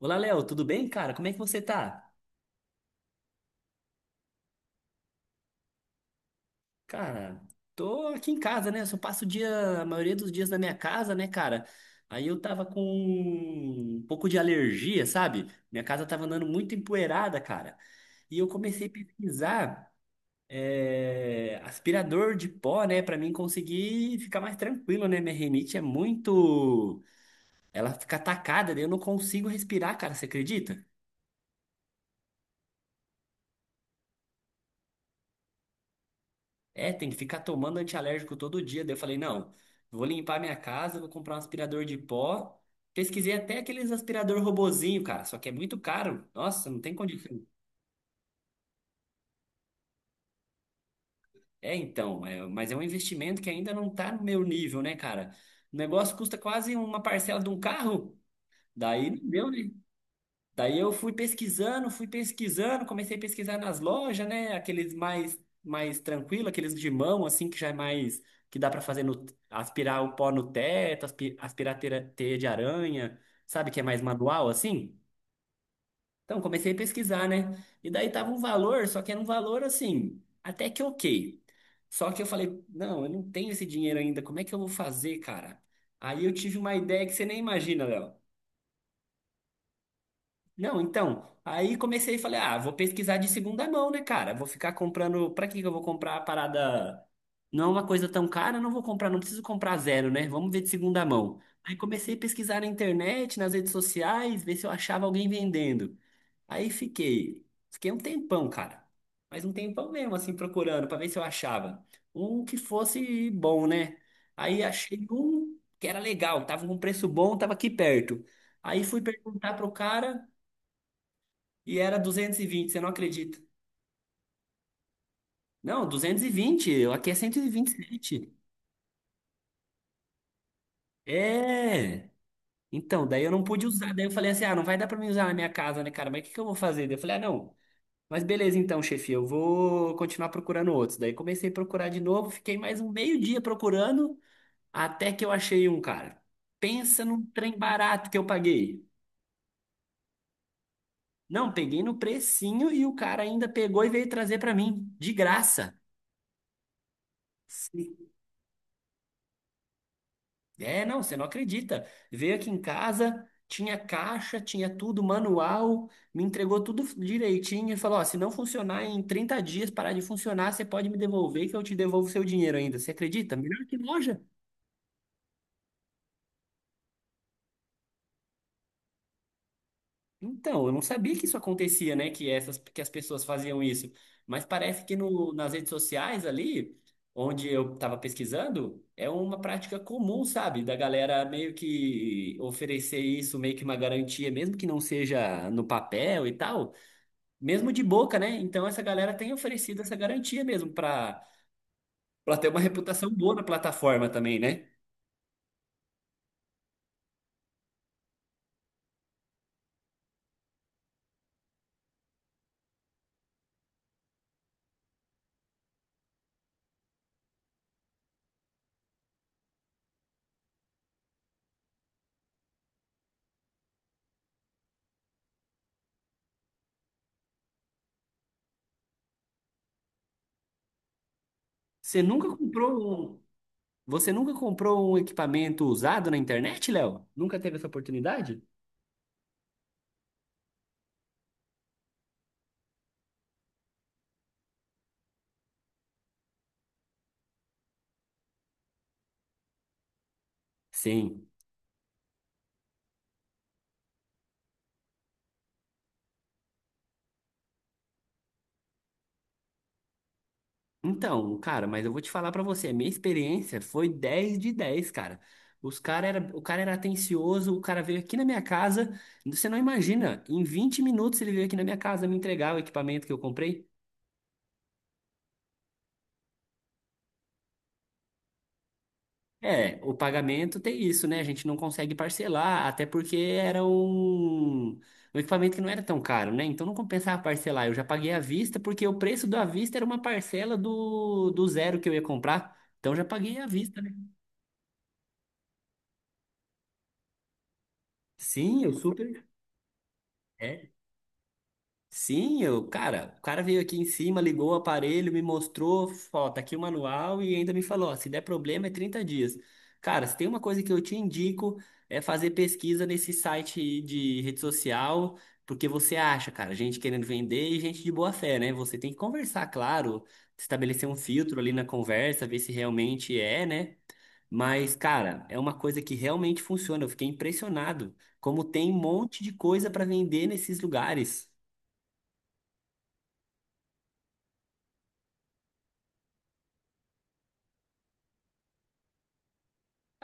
Olá, Léo, tudo bem, cara? Como é que você tá? Cara, tô aqui em casa, né? Eu só passo o dia, a maioria dos dias na minha casa, né, cara? Aí eu tava com um pouco de alergia, sabe? Minha casa tava andando muito empoeirada, cara. E eu comecei a pesquisar aspirador de pó, né? Pra mim conseguir ficar mais tranquilo, né? Minha rinite é muito. Ela fica atacada, daí eu não consigo respirar, cara, você acredita? É, tem que ficar tomando antialérgico todo dia. Daí eu falei, não, vou limpar minha casa, vou comprar um aspirador de pó. Pesquisei até aqueles aspirador robozinho, cara, só que é muito caro. Nossa, não tem condição. É, então, mas é um investimento que ainda não tá no meu nível, né, cara? O negócio custa quase uma parcela de um carro. Daí não deu, né? Daí eu fui pesquisando, comecei a pesquisar nas lojas, né? Aqueles mais tranquilo, aqueles de mão assim que já é mais que dá pra fazer no aspirar o pó no teto, aspirar teia de aranha, sabe que é mais manual assim? Então comecei a pesquisar, né? E daí tava um valor, só que era um valor assim, até que ok. Só que eu falei, não, eu não tenho esse dinheiro ainda, como é que eu vou fazer, cara? Aí eu tive uma ideia que você nem imagina, Léo. Não, então, aí comecei e falei, ah, vou pesquisar de segunda mão, né, cara? Vou ficar comprando, pra que que eu vou comprar a parada? Não é uma coisa tão cara, não vou comprar, não preciso comprar zero, né? Vamos ver de segunda mão. Aí comecei a pesquisar na internet, nas redes sociais, ver se eu achava alguém vendendo. Aí fiquei um tempão, cara. Mas um tempão mesmo, assim, procurando pra ver se eu achava um que fosse bom, né? Aí achei um que era legal, tava com preço bom, tava aqui perto. Aí fui perguntar pro cara, e era 220, você não acredita. Não, 220. Aqui é cento e vinte e sete. É. Então, daí eu não pude usar. Daí eu falei assim: ah, não vai dar pra mim usar na minha casa, né, cara? Mas o que que eu vou fazer? Daí eu falei: ah, não. Mas beleza, então, chefe, eu vou continuar procurando outros. Daí comecei a procurar de novo, fiquei mais um meio dia procurando, até que eu achei um, cara. Pensa num trem barato que eu paguei. Não, peguei no precinho e o cara ainda pegou e veio trazer pra mim, de graça. É, não, você não acredita. Veio aqui em casa, tinha caixa, tinha tudo, manual, me entregou tudo direitinho e falou: ó, se não funcionar em 30 dias, parar de funcionar, você pode me devolver que eu te devolvo seu dinheiro ainda. Você acredita? Melhor que loja. Então, eu não sabia que isso acontecia, né? Que essas, que as pessoas faziam isso. Mas parece que no, nas redes sociais ali, onde eu estava pesquisando, é uma prática comum, sabe? Da galera meio que oferecer isso, meio que uma garantia, mesmo que não seja no papel e tal, mesmo de boca, né? Então essa galera tem oferecido essa garantia mesmo para ter uma reputação boa na plataforma também, né? Você nunca comprou um, você nunca comprou um equipamento usado na internet, Léo? Nunca teve essa oportunidade? Sim. Então, cara, mas eu vou te falar pra você, a minha experiência foi 10 de 10 cara. O cara era atencioso, o cara veio aqui na minha casa, você não imagina, em 20 minutos ele veio aqui na minha casa me entregar o equipamento que eu comprei. É, o pagamento tem isso, né? A gente não consegue parcelar, até porque era um equipamento que não era tão caro, né? Então não compensava parcelar. Eu já paguei à vista, porque o preço do à vista era uma parcela do zero que eu ia comprar. Então já paguei à vista, né? Sim, eu super É? Sim, cara, o cara veio aqui em cima, ligou o aparelho, me mostrou, ó, tá aqui o manual e ainda me falou, ó, se der problema é 30 dias. Cara, se tem uma coisa que eu te indico é fazer pesquisa nesse site de rede social, porque você acha, cara, gente querendo vender e gente de boa fé, né? Você tem que conversar, claro, estabelecer um filtro ali na conversa, ver se realmente é, né? Mas, cara, é uma coisa que realmente funciona. Eu fiquei impressionado como tem um monte de coisa para vender nesses lugares.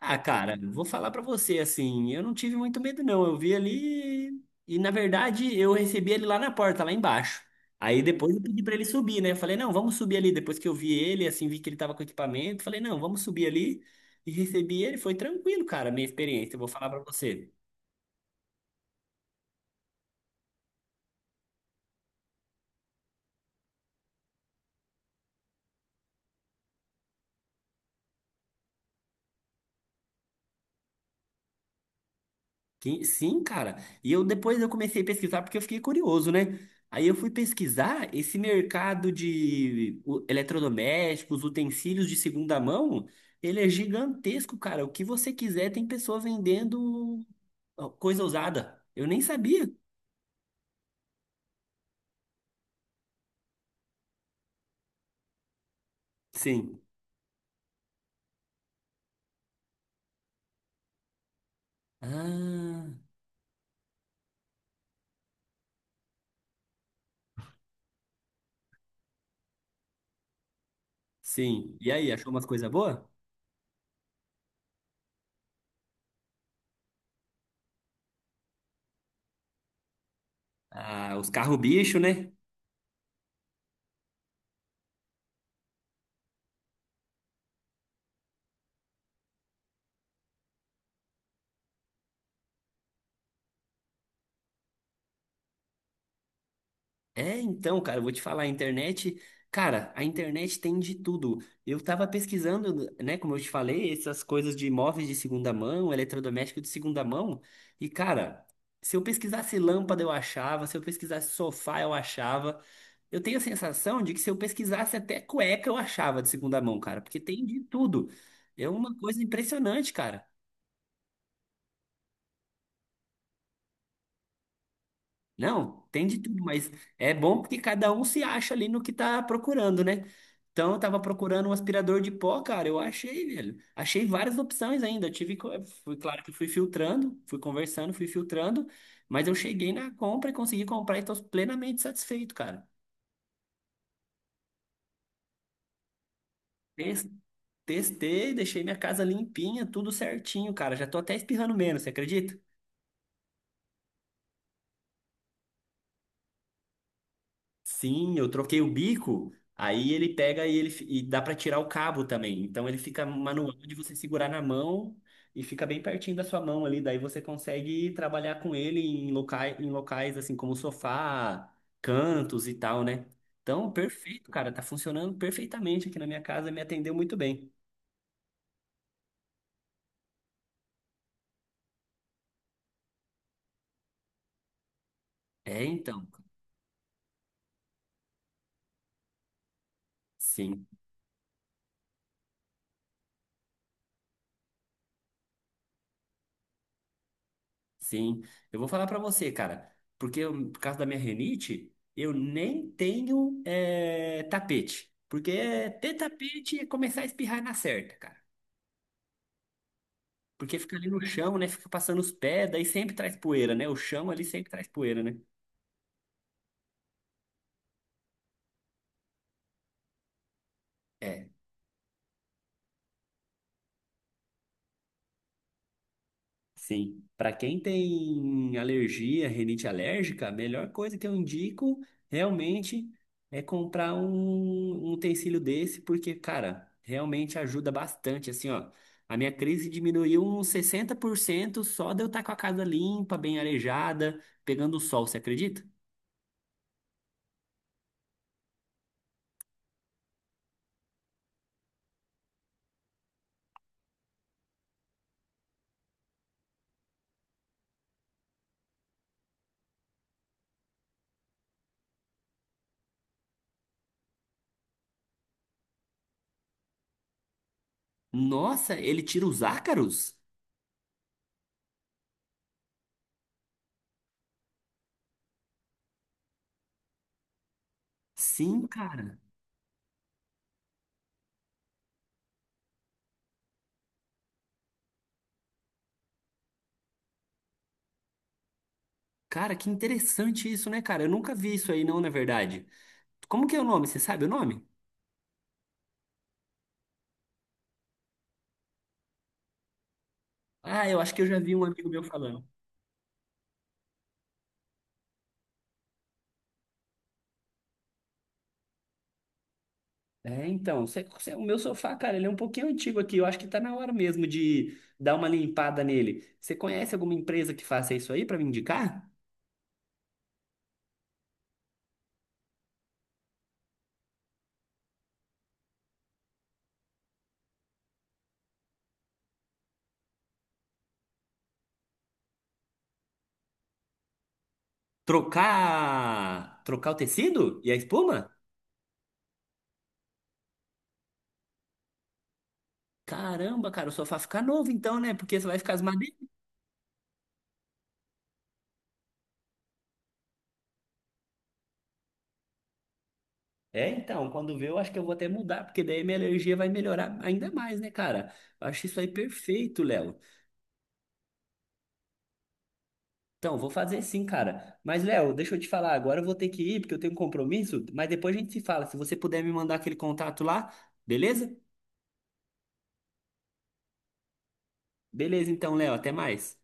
Ah, cara, vou falar pra você assim, eu não tive muito medo não. Eu vi ali e na verdade eu recebi ele lá na porta, lá embaixo. Aí depois eu pedi pra ele subir, né? Eu falei: "Não, vamos subir ali". Depois que eu vi ele, assim, vi que ele tava com equipamento, falei: "Não, vamos subir ali". E recebi ele, foi tranquilo, cara, a minha experiência, eu vou falar pra você. Sim, cara. E eu depois eu comecei a pesquisar porque eu fiquei curioso, né? Aí eu fui pesquisar esse mercado de eletrodomésticos, utensílios de segunda mão, ele é gigantesco, cara. O que você quiser, tem pessoa vendendo ó, coisa usada. Eu nem sabia. Sim. Ah, sim. E aí, achou umas coisas boas? Ah, os carros bicho, né? É, então, cara, eu vou te falar, a internet, cara, a internet tem de tudo. Eu tava pesquisando, né, como eu te falei, essas coisas de imóveis de segunda mão, eletrodoméstico de segunda mão, e cara, se eu pesquisasse lâmpada eu achava, se eu pesquisasse sofá eu achava. Eu tenho a sensação de que se eu pesquisasse até cueca eu achava de segunda mão, cara, porque tem de tudo. É uma coisa impressionante, cara. Não, tem de tudo, mas é bom porque cada um se acha ali no que tá procurando, né? Então eu tava procurando um aspirador de pó, cara, eu achei, velho. Achei várias opções ainda. Fui claro que fui filtrando, fui conversando, fui filtrando, mas eu cheguei na compra e consegui comprar e tô plenamente satisfeito, cara. Tes- Testei, deixei minha casa limpinha, tudo certinho, cara. Já tô até espirrando menos, você acredita? Sim, eu troquei o bico, aí ele pega e dá para tirar o cabo também. Então ele fica manual de você segurar na mão e fica bem pertinho da sua mão ali, daí você consegue trabalhar com ele em locais assim como sofá, cantos e tal, né? Então, perfeito, cara, tá funcionando perfeitamente aqui na minha casa, me atendeu muito bem. É, então. Sim. Sim, eu vou falar pra você, cara, porque por causa da minha rinite, eu nem tenho tapete, porque ter tapete é começar a espirrar na certa, cara, porque fica ali no chão, né, fica passando os pés, daí sempre traz poeira, né, o chão ali sempre traz poeira, né, é, Sim, para quem tem alergia, rinite alérgica, a melhor coisa que eu indico realmente é comprar um utensílio desse, porque, cara, realmente ajuda bastante. Assim, ó, a minha crise diminuiu uns 60% só de eu estar com a casa limpa, bem arejada, pegando o sol, você acredita? Nossa, ele tira os ácaros? Sim, cara. Cara, que interessante isso, né, cara? Eu nunca vi isso aí, não, na verdade. Como que é o nome? Você sabe o nome? Ah, eu acho que eu já vi um amigo meu falando. É, então, o meu sofá, cara, ele é um pouquinho antigo aqui. Eu acho que tá na hora mesmo de dar uma limpada nele. Você conhece alguma empresa que faça isso aí pra me indicar? Trocar o tecido e a espuma? Caramba, cara, o sofá fica novo então, né? Porque você vai ficar as madeiras. É, então, quando vê, eu acho que eu vou até mudar, porque daí minha alergia vai melhorar ainda mais, né, cara? Eu acho isso aí perfeito, Léo. Então, vou fazer sim, cara. Mas, Léo, deixa eu te falar, agora eu vou ter que ir, porque eu tenho um compromisso, mas depois a gente se fala. Se você puder me mandar aquele contato lá, beleza? Beleza, então, Léo, até mais.